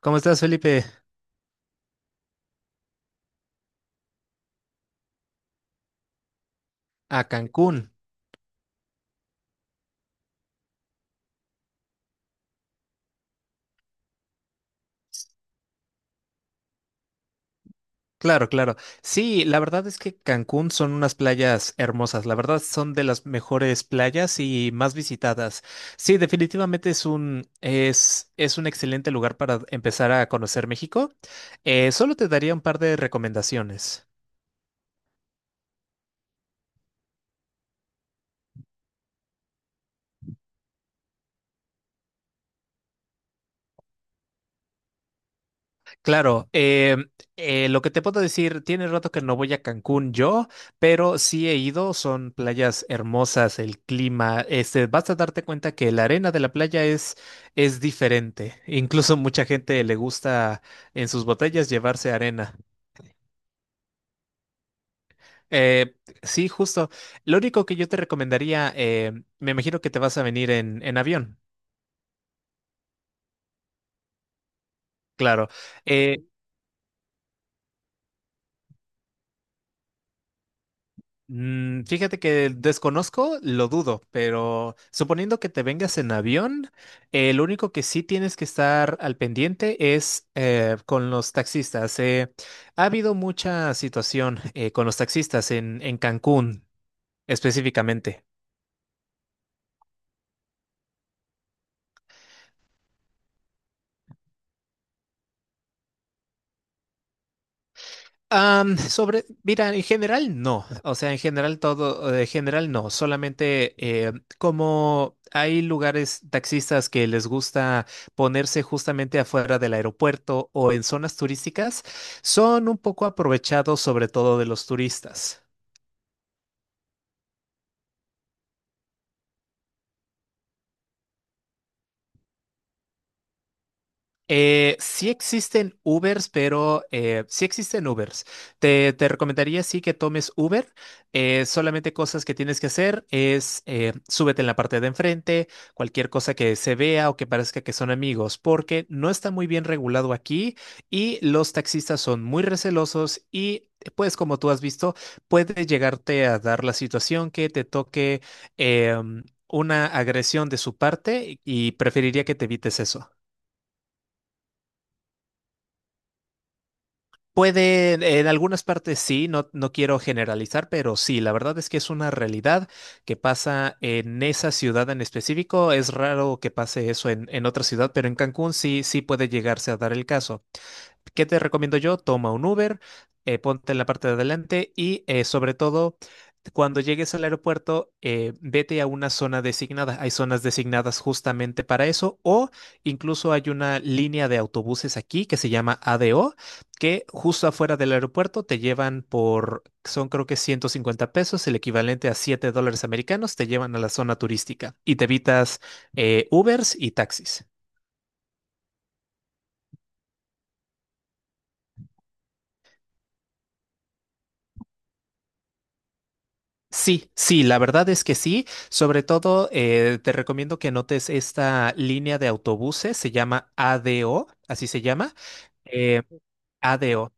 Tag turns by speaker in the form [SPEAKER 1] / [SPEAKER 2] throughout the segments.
[SPEAKER 1] ¿Cómo estás, Felipe? A Cancún. Claro, claro. Sí, la verdad es que Cancún son unas playas hermosas. La verdad son de las mejores playas y más visitadas. Sí, definitivamente es un excelente lugar para empezar a conocer México. Solo te daría un par de recomendaciones. Claro, lo que te puedo decir, tiene rato que no voy a Cancún yo, pero sí he ido, son playas hermosas, el clima, este, vas a darte cuenta que la arena de la playa es diferente, incluso mucha gente le gusta en sus botellas llevarse arena. Eh, sí, justo, lo único que yo te recomendaría, me imagino que te vas a venir en avión, claro. Eh, Mm, fíjate que desconozco, lo dudo, pero suponiendo que te vengas en avión, lo único que sí tienes que estar al pendiente es con los taxistas. Ha habido mucha situación con los taxistas en Cancún específicamente. Sobre, mira, en general no, o sea, en general todo, en general no, solamente como hay lugares taxistas que les gusta ponerse justamente afuera del aeropuerto o en zonas turísticas, son un poco aprovechados sobre todo de los turistas. Sí existen Ubers, pero sí existen Ubers. Te recomendaría sí que tomes Uber. Solamente cosas que tienes que hacer es súbete en la parte de enfrente, cualquier cosa que se vea o que parezca que son amigos, porque no está muy bien regulado aquí y los taxistas son muy recelosos y pues como tú has visto, puede llegarte a dar la situación que te toque una agresión de su parte y preferiría que te evites eso. Puede, en algunas partes sí, no, no quiero generalizar, pero sí, la verdad es que es una realidad que pasa en esa ciudad en específico. Es raro que pase eso en otra ciudad, pero en Cancún sí, sí puede llegarse a dar el caso. ¿Qué te recomiendo yo? Toma un Uber, ponte en la parte de adelante y sobre todo, cuando llegues al aeropuerto, vete a una zona designada. Hay zonas designadas justamente para eso o incluso hay una línea de autobuses aquí que se llama ADO, que justo afuera del aeropuerto te llevan por, son creo que 150 pesos, el equivalente a 7 dólares americanos, te llevan a la zona turística y te evitas Ubers y taxis. Sí, sí, la verdad es que sí. Sobre todo, te recomiendo que notes esta línea de autobuses, se llama ADO, así se llama. eh, ADO,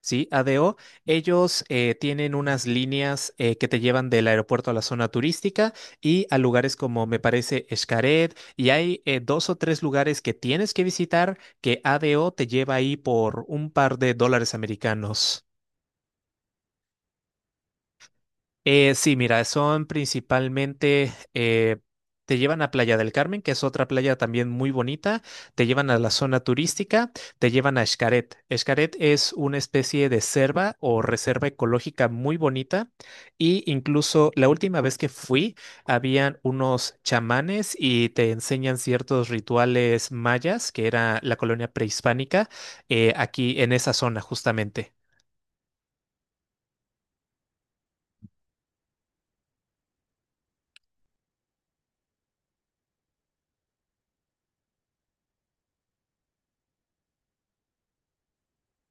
[SPEAKER 1] ¿sí? ADO. Ellos tienen unas líneas que te llevan del aeropuerto a la zona turística y a lugares como, me parece, Xcaret. Y hay dos o tres lugares que tienes que visitar que ADO te lleva ahí por un par de dólares americanos. Sí, mira, son principalmente, te llevan a Playa del Carmen, que es otra playa también muy bonita, te llevan a la zona turística, te llevan a Xcaret. Xcaret es una especie de selva o reserva ecológica muy bonita y incluso la última vez que fui, habían unos chamanes y te enseñan ciertos rituales mayas, que era la colonia prehispánica, aquí en esa zona justamente.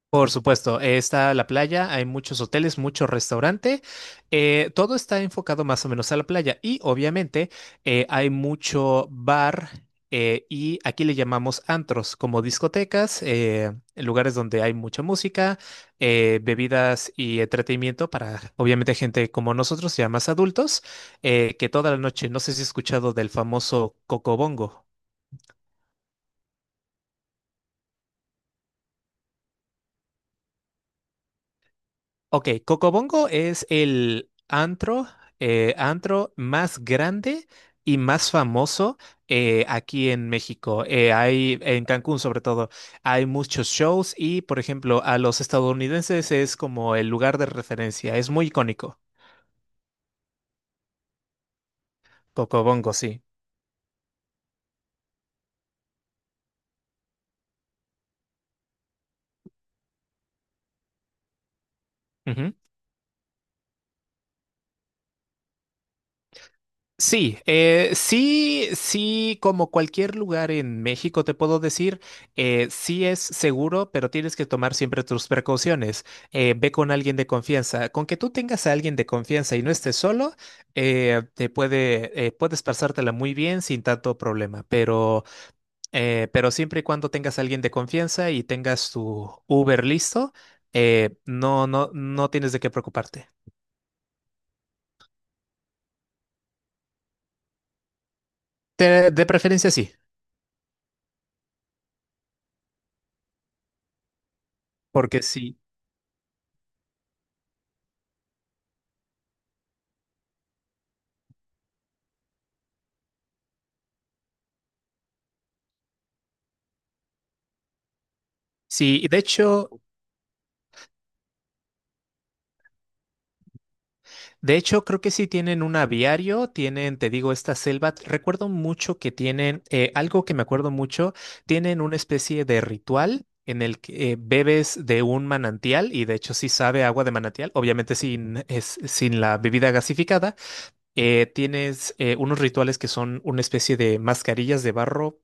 [SPEAKER 1] Por supuesto, está la playa, hay muchos hoteles, mucho restaurante, todo está enfocado más o menos a la playa y obviamente hay mucho bar y aquí le llamamos antros, como discotecas, lugares donde hay mucha música, bebidas y entretenimiento para obviamente gente como nosotros, ya más adultos, que toda la noche, no sé si has escuchado del famoso Cocobongo. Ok, Cocobongo es el antro, antro más grande y más famoso aquí en México. En Cancún sobre todo, hay muchos shows y, por ejemplo, a los estadounidenses es como el lugar de referencia. Es muy icónico. Cocobongo, sí. Sí, sí, sí, como cualquier lugar en México te puedo decir, sí es seguro, pero tienes que tomar siempre tus precauciones. Ve con alguien de confianza. Con que tú tengas a alguien de confianza y no estés solo, puedes pasártela muy bien sin tanto problema. Pero siempre y cuando tengas a alguien de confianza y tengas tu Uber listo, no tienes de qué preocuparte. Te- de preferencia sí, porque sí. Sí, y de hecho, de hecho, creo que sí tienen un aviario, tienen, te digo, esta selva. Recuerdo mucho que tienen, algo que me acuerdo mucho, tienen una especie de ritual en el que bebes de un manantial y de hecho sí sabe a agua de manantial, obviamente sin, es, sin la bebida gasificada. Tienes unos rituales que son una especie de mascarillas de barro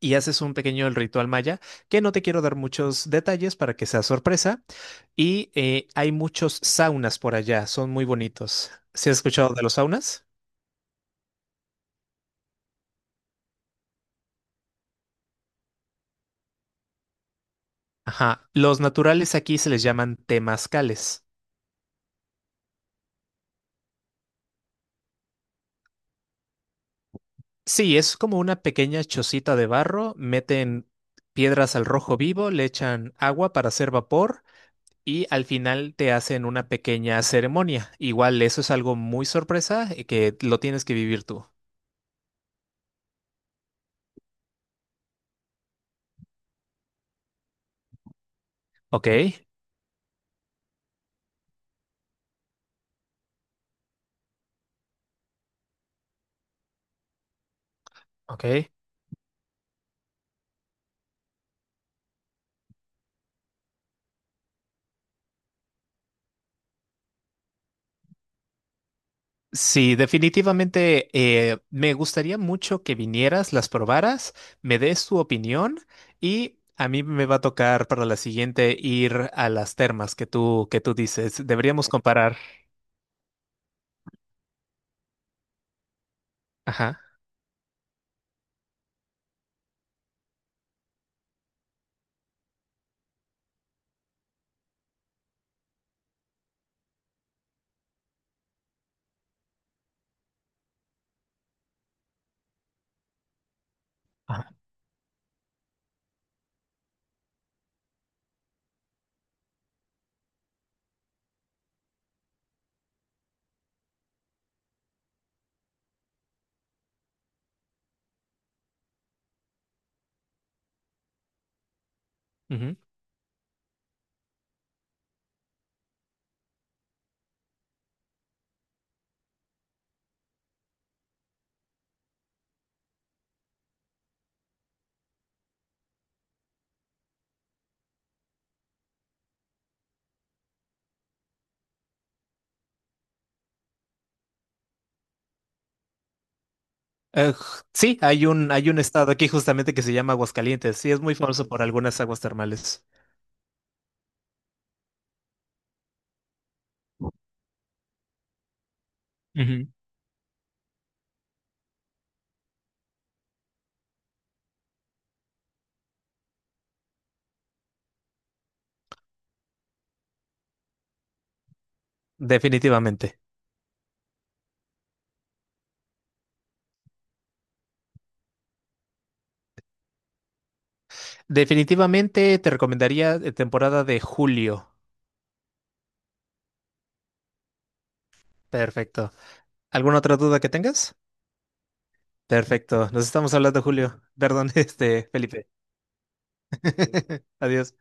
[SPEAKER 1] y haces un pequeño ritual maya, que no te quiero dar muchos detalles para que sea sorpresa. Y hay muchos saunas por allá, son muy bonitos. ¿Se ha escuchado de los saunas? Ajá, los naturales aquí se les llaman temazcales. Sí, es como una pequeña chocita de barro, meten piedras al rojo vivo, le echan agua para hacer vapor y al final te hacen una pequeña ceremonia. Igual eso es algo muy sorpresa que lo tienes que vivir tú. Ok, ok. Sí, definitivamente me gustaría mucho que vinieras, las probaras, me des tu opinión y a mí me va a tocar para la siguiente ir a las termas que tú dices. Deberíamos comparar. Ajá. Ajá. Ujú. Eh, sí, hay un hay un estado aquí justamente que se llama Aguascalientes. Sí, es muy famoso por algunas aguas termales. Ujú. Definitivamente. Definitivamente te recomendaría temporada de julio. Perfecto. ¿Alguna otra duda que tengas? Perfecto. Nos estamos hablando, Julio. Perdón, este, Felipe. Adiós.